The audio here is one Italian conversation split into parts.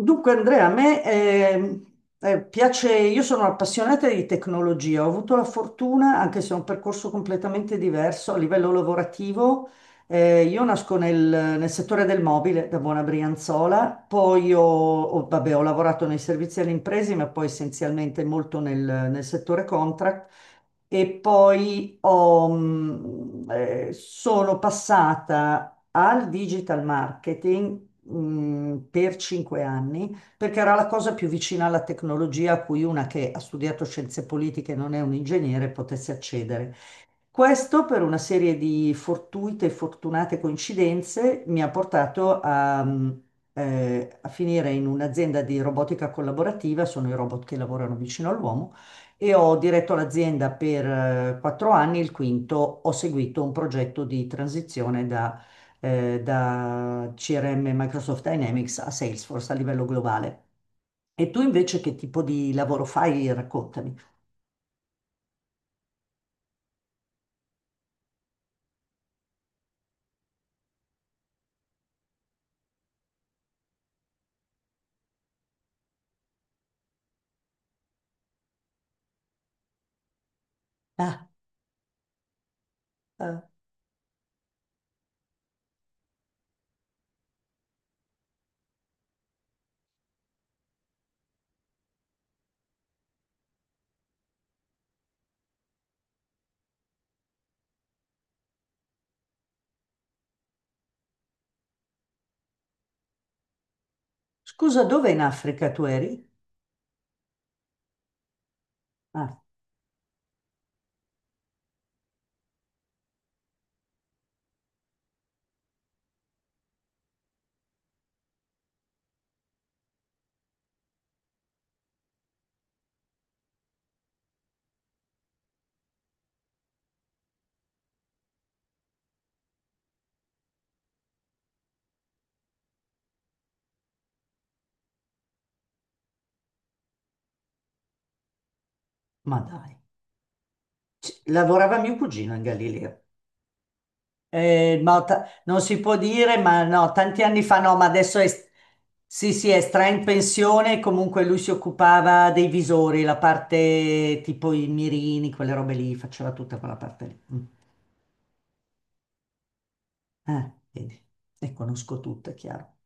Dunque, Andrea, a me piace. Io sono appassionata di tecnologia, ho avuto la fortuna, anche se è un percorso completamente diverso a livello lavorativo. Io nasco nel settore del mobile da buona Brianzola, poi vabbè, ho lavorato nei servizi alle imprese, ma poi essenzialmente molto nel settore contract, e poi sono passata al digital marketing per cinque anni, perché era la cosa più vicina alla tecnologia a cui una che ha studiato scienze politiche e non è un ingegnere potesse accedere. Questo per una serie di fortuite e fortunate coincidenze mi ha portato a finire in un'azienda di robotica collaborativa, sono i robot che lavorano vicino all'uomo, e ho diretto l'azienda per quattro anni, il quinto ho seguito un progetto di transizione da CRM Microsoft Dynamics a Salesforce a livello globale. E tu invece che tipo di lavoro fai? Raccontami. Ah, eh, Scusa, dove in Africa tu eri? Ah, ma dai. Lavorava mio cugino in Galileo. Non si può dire, ma no, tanti anni fa no, ma adesso è, sì, sì, è stra in pensione. Comunque lui si occupava dei visori, la parte tipo i mirini, quelle robe lì, faceva tutta quella parte lì. Mm. Ah, vedi, le conosco tutte, chiaro.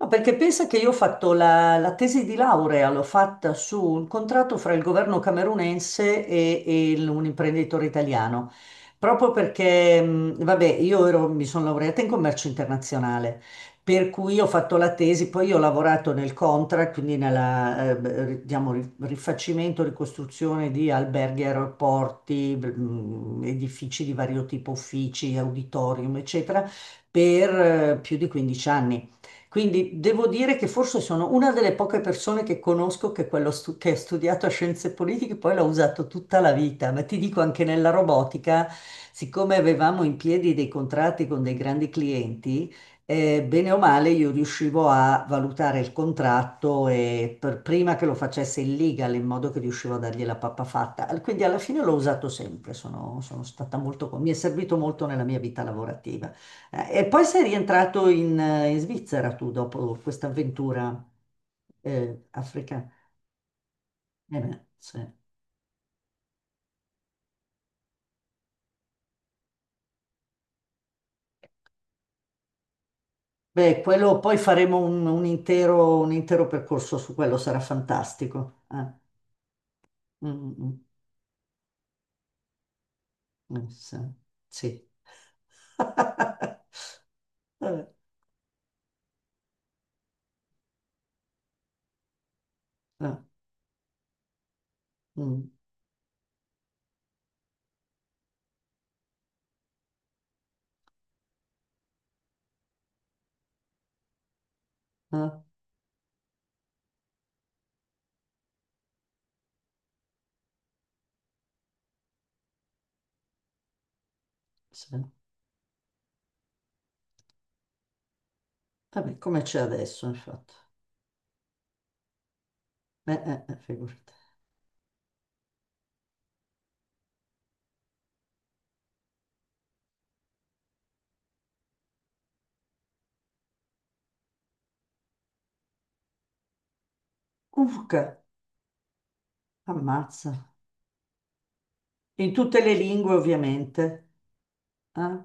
No, perché pensa che io ho fatto la tesi di laurea, l'ho fatta su un contratto fra il governo camerunense e un imprenditore italiano, proprio perché, vabbè, mi sono laureata in commercio internazionale, per cui ho fatto la tesi. Poi io ho lavorato nel contract, quindi nella, diciamo, rifacimento, ricostruzione di alberghi, aeroporti, edifici di vario tipo, uffici, auditorium, eccetera, per più di 15 anni. Quindi devo dire che forse sono una delle poche persone che conosco che, che ha studiato scienze politiche poi l'ha usato tutta la vita, ma ti dico anche nella robotica, siccome avevamo in piedi dei contratti con dei grandi clienti, bene o male io riuscivo a valutare il contratto e prima che lo facesse il legal, in modo che riuscivo a dargli la pappa fatta. Quindi alla fine l'ho usato sempre, sono stata molto, mi è servito molto nella mia vita lavorativa. E poi sei rientrato in, in Svizzera tu dopo questa avventura africana? Eh beh, sì. Beh, quello poi faremo un intero percorso su quello, sarà fantastico. Mm, mm, sì. Sì. Vabbè, eh, mm, eh, sì. Vabbè, come c'è adesso, infatti. Figurati. Comunque, ammazza. In tutte le lingue, ovviamente. Eh.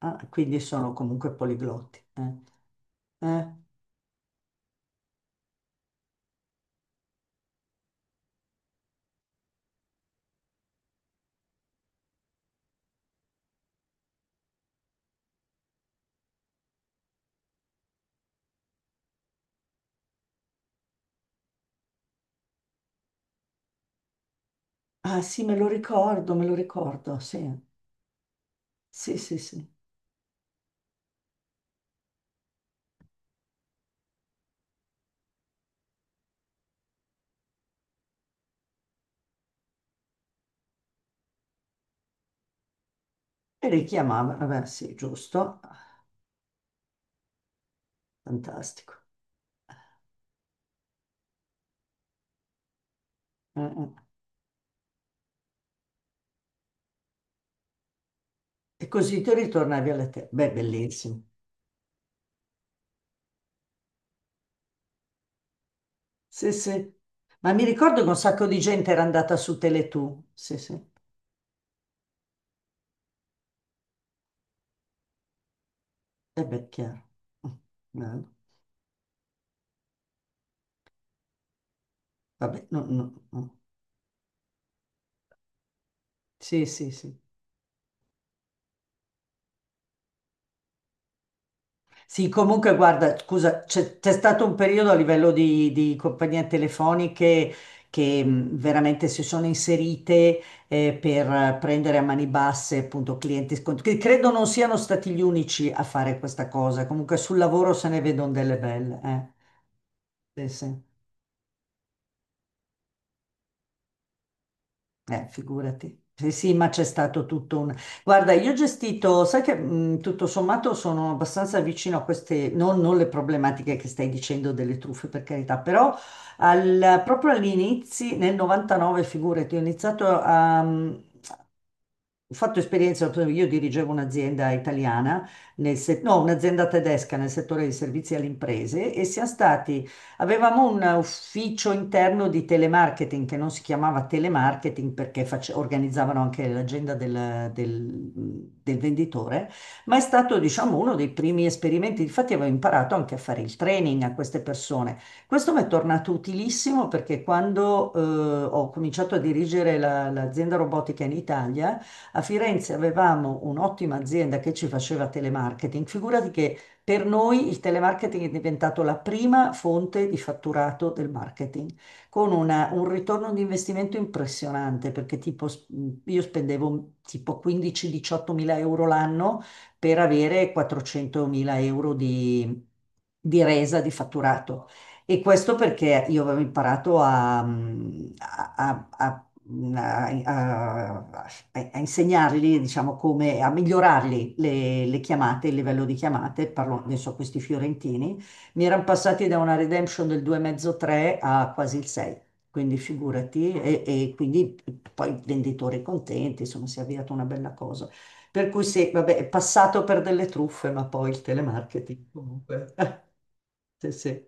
Ah, quindi sono comunque poliglotti. Eh. Eh, ah sì, me lo ricordo, sì, sì, sì, sì. E li chiamava, vabbè, sì, giusto. Ah, fantastico. Eh. E così ti ritornavi alle te. Beh, bellissimo. Sì, sì. Ma mi ricordo che un sacco di gente era andata su Tele2. Sì, sì. E beh, chiaro. Mm, bello. Vabbè, no, no, no. Sì, sì, sì. Sì, comunque guarda, scusa, c'è stato un periodo a livello di compagnie telefoniche che veramente si sono inserite per prendere a mani basse appunto clienti scontri, che credo non siano stati gli unici a fare questa cosa. Comunque sul lavoro se ne vedono delle belle. Eh. Sì, sì. Figurati. Sì, sì, ma c'è stato tutto un... Guarda, io ho gestito, sai che tutto sommato sono abbastanza vicino a queste, non le problematiche che stai dicendo delle truffe, per carità, però proprio all'inizio, nel 99, figurati, ho iniziato a, ho fatto esperienza. Io dirigevo un'azienda italiana, nel se- no, un'azienda tedesca nel settore dei servizi alle imprese, e siamo stati, avevamo un ufficio interno di telemarketing che non si chiamava telemarketing perché organizzavano anche l'agenda del del venditore, ma è stato, diciamo, uno dei primi esperimenti. Infatti avevo imparato anche a fare il training a queste persone. Questo mi è tornato utilissimo perché quando ho cominciato a dirigere l'azienda robotica in Italia, a Firenze avevamo un'ottima azienda che ci faceva telemarketing. Figurati che per noi il telemarketing è diventato la prima fonte di fatturato del marketing, con un ritorno di investimento impressionante, perché tipo, io spendevo tipo 15-18 mila euro l'anno per avere 400 mila euro di resa di fatturato. E questo perché io avevo imparato a- a mh, a, a- a insegnargli, diciamo, come a migliorargli le chiamate, il livello di chiamate. Parlo adesso a questi fiorentini. Mi erano passati da una redemption del 2,5-3 a quasi il 6. Quindi figurati, e quindi poi i venditori contenti, insomma, si è avviata una bella cosa. Per cui sì, vabbè, è passato per delle truffe, ma poi il telemarketing comunque. Sì, sì, è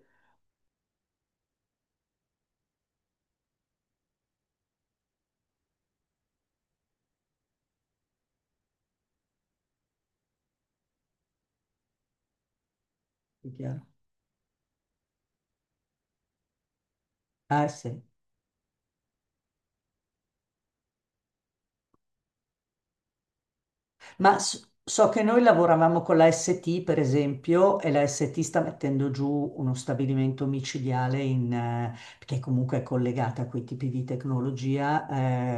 chiaro. Ah, sì. So che noi lavoravamo con la ST, per esempio, e la ST sta mettendo giù uno stabilimento micidiale in, che comunque è collegata a quei tipi di tecnologia,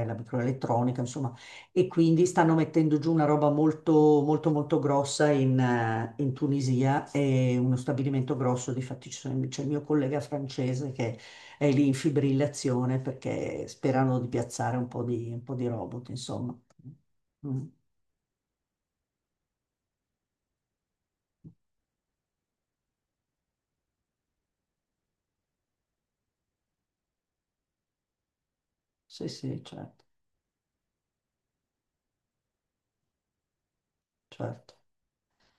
la microelettronica, insomma, e quindi stanno mettendo giù una roba molto, molto, molto grossa in, in Tunisia, e uno stabilimento grosso. Difatti c'è il mio collega francese che è lì in fibrillazione perché sperano di piazzare un po' un po' di robot, insomma. Mm. Sì, sì, certo, certo.